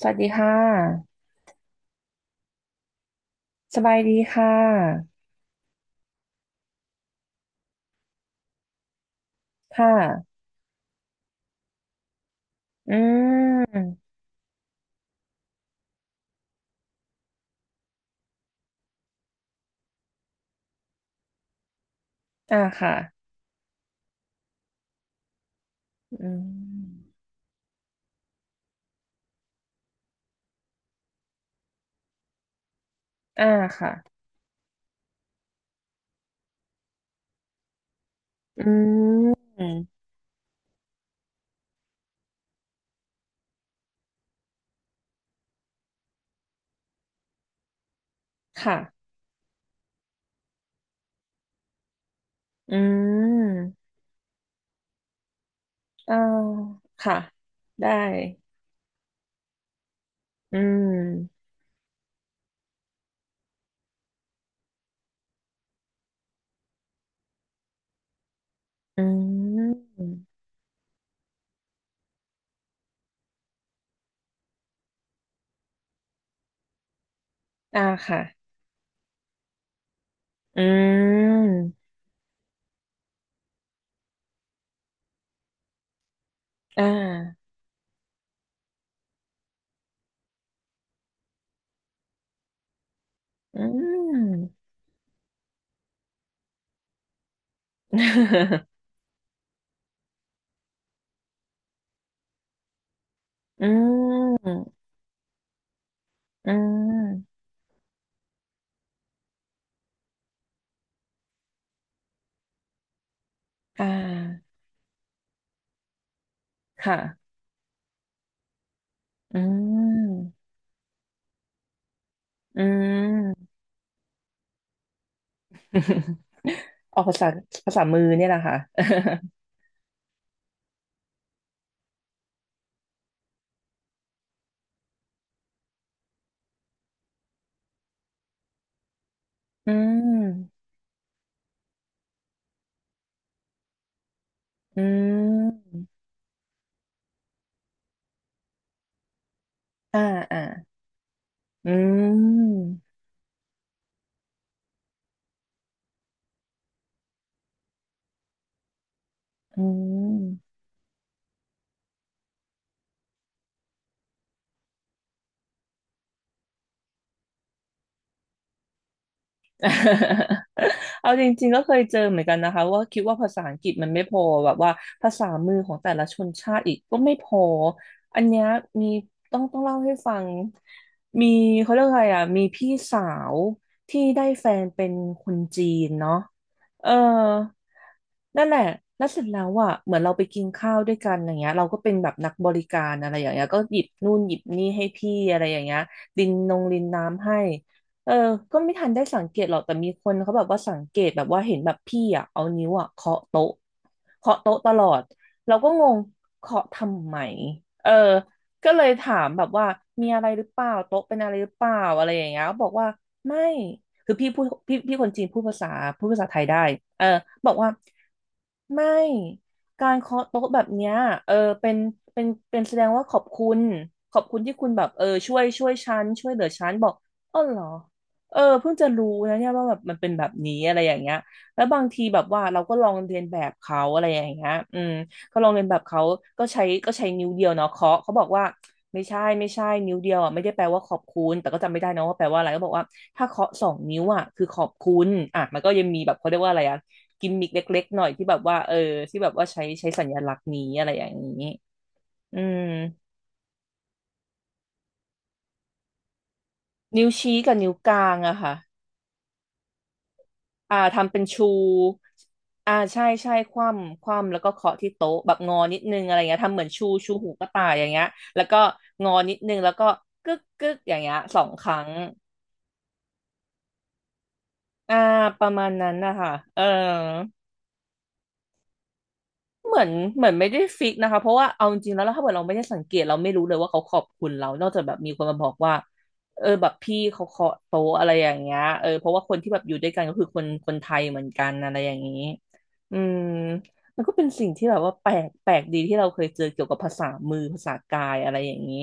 สวัสดีค่ะสบายดีค่ะค่ะอืมอ่าค่ะอืมอ่าค่ะอืมค่ะอืมอ่าค่ะ ได้อืมอืมอ่าค่ะอืมอ่าอืม อืมอืมอ่าค่ะอืมอืม ออกภาษาภาษามือเนี่ยแหละค่ะ อืม อืมอ่าอ่าอืม อืม เอาจริงๆก็เคยเจอเหมือนกันนะคะว่าคิดว่าภาษาอังกฤษมันไม่พอแบบว่าภาษามือของแต่ละชนชาติอีกก็ไม่พออันเนี้ยมีต้องต้องเล่าให้ฟังมีเขาเรียกอะไรอ่ะมีพี่สาวที่ได้แฟนเป็นคนจีนเนาะเออนั่นแหละแล้วเสร็จแล้วอ่ะเหมือนเราไปกินข้าวด้วยกันอย่างเงี้ยเราก็เป็นแบบนักบริการอะไรอย่างเงี้ยก็หยิบนู่นหยิบนี่ให้พี่อะไรอย่างเงี้ยดินนงรินน้ำให้ เออก็ไม่ทันได้สังเกตหรอกแต่มีคนเขาแบบว่าสังเกตแบบว่าเห็นแบบพี่อ่ะเอานิ้วอ่ะเคาะโต๊ะเคาะโต๊ะตลอดเราก็งงเคาะทำไมเออก็เลยถามแบบว่ามีอะไรหรือเปล่าโต๊ะเป็นอะไรหรือเปล่าอะไรอย่างเงี้ยเขาบอกว่าไม่คือพี่พูดพี่คนจีนพูดภาษาพูดภาษาไทยได้เออบอกว่าไม่การเคาะโต๊ะแบบเนี้ยเออเป็นเป็นเป็นแสดงว่าขอบคุณขอบคุณที่คุณแบบเออช่วยช่วยฉันช่วยเหลือฉันบอกอ๋อเหรอ เออเพิ่งจะรู้นะเนี่ยว่าแบบมันเป็นแบบนี้อะไรอย่างเงี้ยแล้วบางทีแบบว่าเราก็ลองเรียนแบบเขาอะไรอย่างเงี้ยอืมก็ลองเรียนแบบเขาก็ใช้นิ้วเดียวเนาะเคาะเขาบอกว่าไม่ใช่ไม่ใช่นิ้วเดียวอ่ะไม่ได้แปลว่าขอบคุณแต่ก็จำไม่ได้นะว่าแปลว่าอะไรก็บอกว่าถ้าเคาะสองนิ้วอ่ะคือขอบคุณอ่ะมันก็ยังมีแบบเขาเรียกว่าอะไรอ่ะกิมมิกเล็กๆหน่อยที่แบบว่าเออที่แบบว่าใช้สัญลักษณ์นี้อะไรอย่างนี้อืมนิ้วชี้กับนิ้วกลางอะค่ะ อ่าทำเป็นชูอ่าใช่ใช่คว่ำคว่ำแล้วก็เคาะที่โต๊ะแบบงอนิดนึงอะไรเงี้ยทำเหมือนชูชูหูกระต่ายอย่างเงี้ยแล้วก็งอนิดนึงแล้วก็กึกกึกอย่างเงี้ยสองครั้งอ่าประมาณนั้นนะคะเออ เหมือนเหมือนไม่ได้ฟิกนะคะเพราะว่าเอาจริงๆแล้วถ้าเกิดเราไม่ได้สังเกตเราไม่รู้เลยว่าเขาขอบคุณเรานอกจากแบบมีคนมาบอกว่าเออแบบพี่เขาเคาะโต๊ะอะไรอย่างเงี้ยเออเพราะว่าคนที่แบบอยู่ด้วยกันก็คือคนไทยเหมือนกันอะไรอย่างนี้อืมมันก็เป็นสิ่งที่แบบว่าแปลกแปลกดีที่เราเคยเจอเกี่ยวกับภาษามือภาษากายอะไรอย่างนี้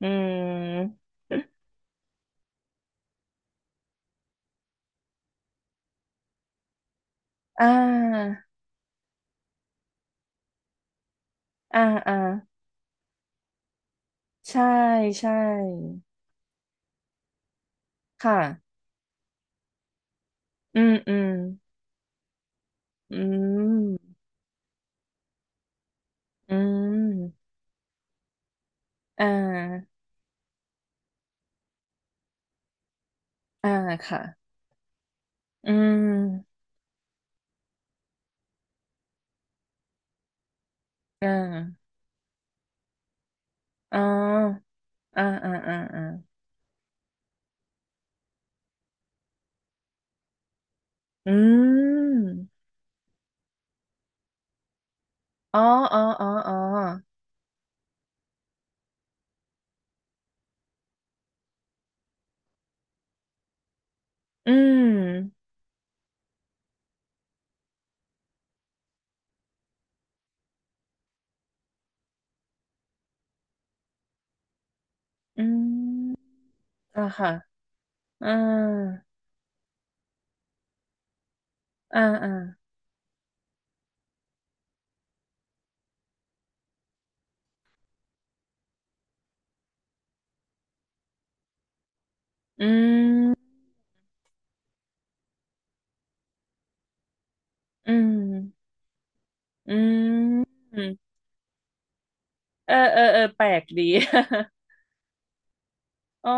อืมอ่าอ่าอ่าใช่ใช่ค่ะอืมอืมอืมอืม อ่าอ่าค่ะอืมอ่าอ๋ออ่าอ่าอ่าอ่าอืมอ๋ออ๋ออ๋ออ๋ออืมอ่าค่ะอ่าอ่าอ่าอืมอืมเออเออเออแปลกดี อ๋อ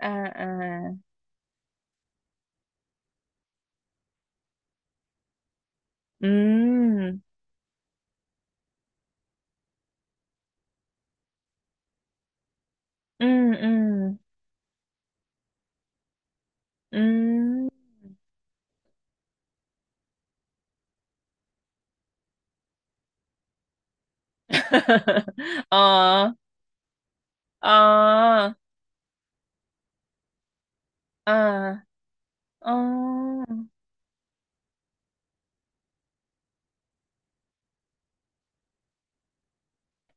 อ่าอ่าอืมอืมอืมอืม อ๋ออ๋ออ่าอ๋อ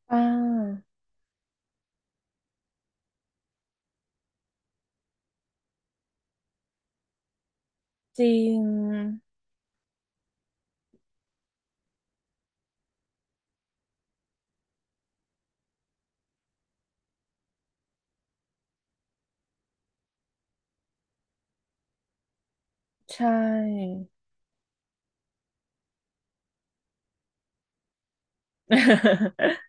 อ่า จริงใช่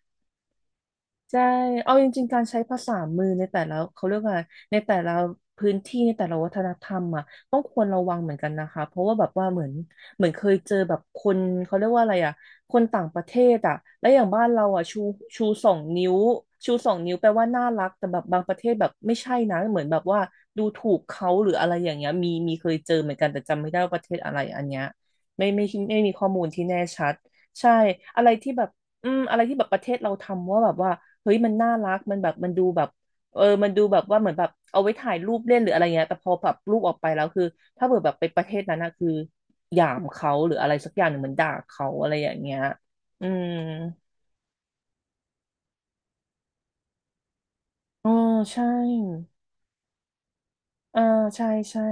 ใช่เอาจริงๆการใช้ภาษามือในแต่ละเขาเรียกว่าอะไรในแต่ละพื้นที่ในแต่ละวัฒนธรรมอ่ะต้องควรระวังเหมือนกันนะคะเพราะว่าแบบว่าเหมือนเหมือนเคยเจอแบบคนเขาเรียกว่าอะไรอ่ะคนต่างประเทศอ่ะและอย่างบ้านเราอ่ะชูชูสองนิ้วชูสองนิ้วแปลว่าน่ารักแต่แบบบางประเทศแบบไม่ใช่นะเหมือนแบบว่าดูถูกเขาหรืออะไรอย่างเงี้ยมีมีเคยเจอเหมือนกันแต่จำไม่ได้ว่าประเทศอะไรอันเนี้ยไม่ไม่ไม่ไมมีข้อมูลที่แน่ชัดใช่อะไรที่แบบ อืมอะไรที่แบบประเทศเราทำว่าแบบว่าเฮ้ยมันน่ารักมันแบบมันดูแบบเออมันดูแบบว่าเหมือนแบบเอาไว้ถ่ายรูปเล่นหรืออะไรเงี้ยแต่พอแบบรูปออกไปแล้วคือถ้าเกิดแบบไปประเทศนั้นนะคือหยามเขาหรืออะไรสักอย่างหนึ่งเหมือนด่าเขาอะไรอย่างเงี้ยอืมอ๋อใช่อ่าใช่ใช่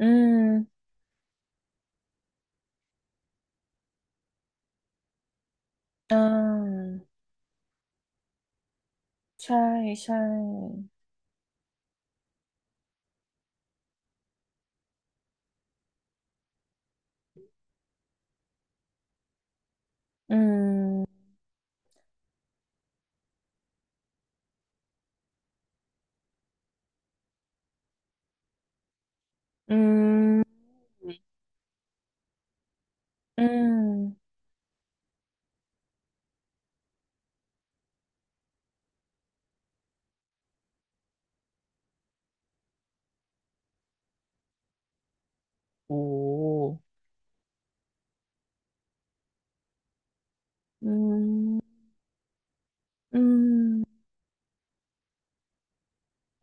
อืมอ่าใช่ใช่อืมอืมอืมโอ้อืมอืม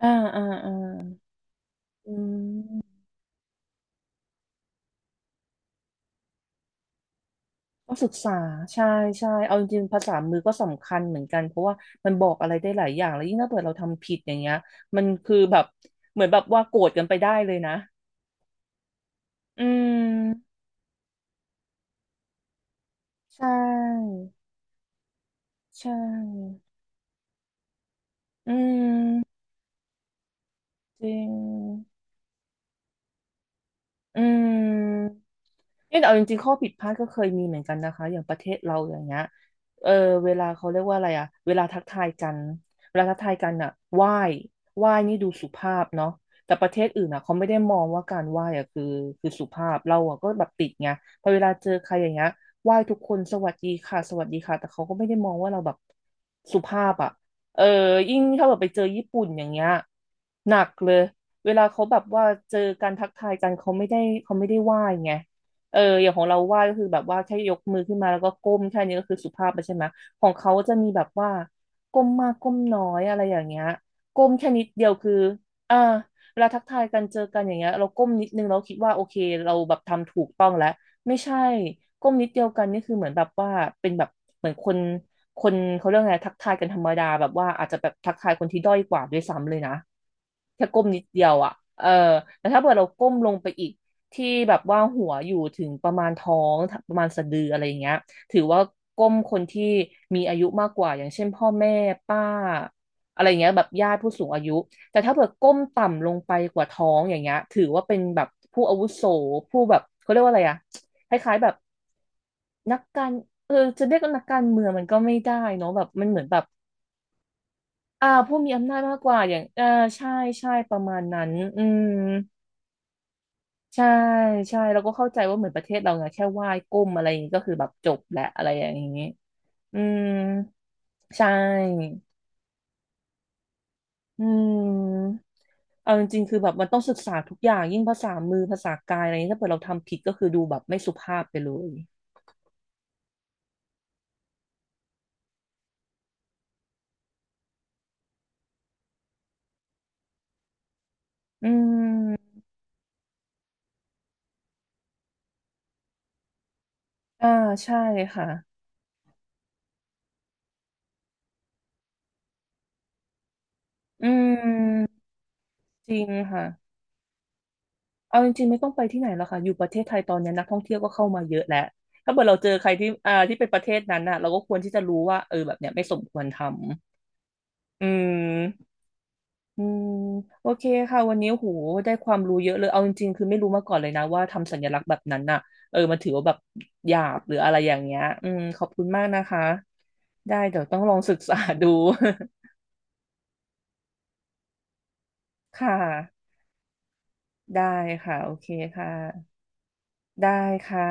อ่าอ่าอ่าอืมก็ศึกษาใช่ใช่เอาจริงๆภาษามือก็สำคัญเหมือนกันเพราะว่ามันบอกอะไรได้หลายอย่างแล้วยิ่งถ้าเกิดเราทำผิดอย่างเงี้ยมันคือแบบเหมือนแบบว่าโกรธกันไปได้เลยนะอืมใช่ใช่อืมจริงอืม เนี่ยแต่เอาจริงๆข้อผิดพลาดก็เคยมีเหมือนกันนะคะอย่างประเทศเราอย่างเงี้ยเออเวลาเขาเรียกว่าอะไรอะเวลาทักทายกันเวลาทักทายกันอะไหว้ไหว้นี่ดูสุภาพเนาะแต่ประเทศอื่นอะเขาไม่ได้มองว่าการไหว้อะคือสุภาพเราอะก็แบบติดไงพอเวลาเจอใครอย่างเงี้ยไหว้ทุกคนสวัสดีค่ะสวัสดีค่ะแต่เขาก็ไม่ได้มองว่าเราแบบสุภาพอะเออยิ่งถ้าแบบไปเจอญี่ปุ่นอย่างเงี้ยหนักเลยเวลาเขาแบบว่าเจอการทักทายกันเขาไม่ได้ไหว้ไง เอออย่างของเราไหว้ก็คือแบบว่าแค่ยกมือขึ้นมาแล้วก็ก้มแค่นี้ก็คือสุภาพแล้วใช่ไหมของเขาจะมีแบบว่าก้มมากก้มน้อยอะไรอย่างเงี้ยก้มแค่นิดเดียวคืออ่าเวลาทักทายกันเจอกันอย่างเงี้ยเราก้มนิดนึงเราคิดว่าโอเคเราแบบทำถูกต้องแล้วไม่ใช่ก้มนิดเดียวกันนี่คือเหมือนแบบว่าเป็นแบบเหมือนคนเขาเรียกไงทักทายกันธรรมดาแบบว่าอาจจะแบบทักทายคนที่ด้อยกว่าด้วยซ้ำเลยนะ แค่ก้มนิดเดียวอ่ะเออแต่ถ้าเกิดเราก้มลงไปอีกที่แบบว่าหัวอยู่ถึงประมาณท้องประมาณสะดืออะไรอย่างเงี้ยถือว่าก้มคนที่มีอายุมากกว่าอย่างเช่นพ่อแม่ป้าอะไรอย่างเงี้ยแบบญาติผู้สูงอายุ แต่ถ้าเกิดก้มต่ำลงไปกว่าท้องอย่างเงี้ยถือว่าเป็นแบบผู้อาวุโสผู้แบบเขาเรียกว่าอะไรอ่ะคล้ายๆแบบนักการเออจะเรียกว่านักการเมืองมันก็ไม่ได้เนาะแบบมันเหมือนแบบผู้มีอำนาจมากกว่าอย่างใช่ใช่ประมาณนั้นอืม ใช่ใช่เราก็เข้าใจว่าเหมือนประเทศเราไงแค่ไหว้ก้มอะไรอย่างนี้ก็คือแบบจบแหละอะไรอย่างนี้อืมใช่อืมเอาจริงๆคือแบบมันต้องศึกษาทุกอย่างยิ่งภาษามือภาษากายอะไรนี้ถ้าเกิดเราทำผิดก็คือดูแบบไม่สุภาพไปเลยอืมอ่าใช่ค่ะอืมจริงค่ะเอาจริงๆไม่ต้องไปที่ไหนแล้วค่ะอยู่ประเทศไทยตอนนี้นักท่องเที่ยวก็เข้ามาเยอะแล้วถ้าเกิดเราเจอใครที่ที่เป็นประเทศนั้นน่ะเราก็ควรที่จะรู้ว่าเออแบบเนี้ยไม่สมควรทำ อืมอืมโอเคค่ะ วันนี้โหได้ความรู้เยอะเลย เอาจริงๆ คือไม่รู้มาก่อนเลยนะว่าทำสัญลักษณ์แบบนั้นน่ะ เออมันถือว่าแบบหยาบหรืออะไรอย่างเงี้ย อืม ขอบคุณมากนะคะ ได้เดี๋ยวต้องลองศึกษาดู ค่ะ ได้ค่ะ โอเคค่ะ ได้ค่ะ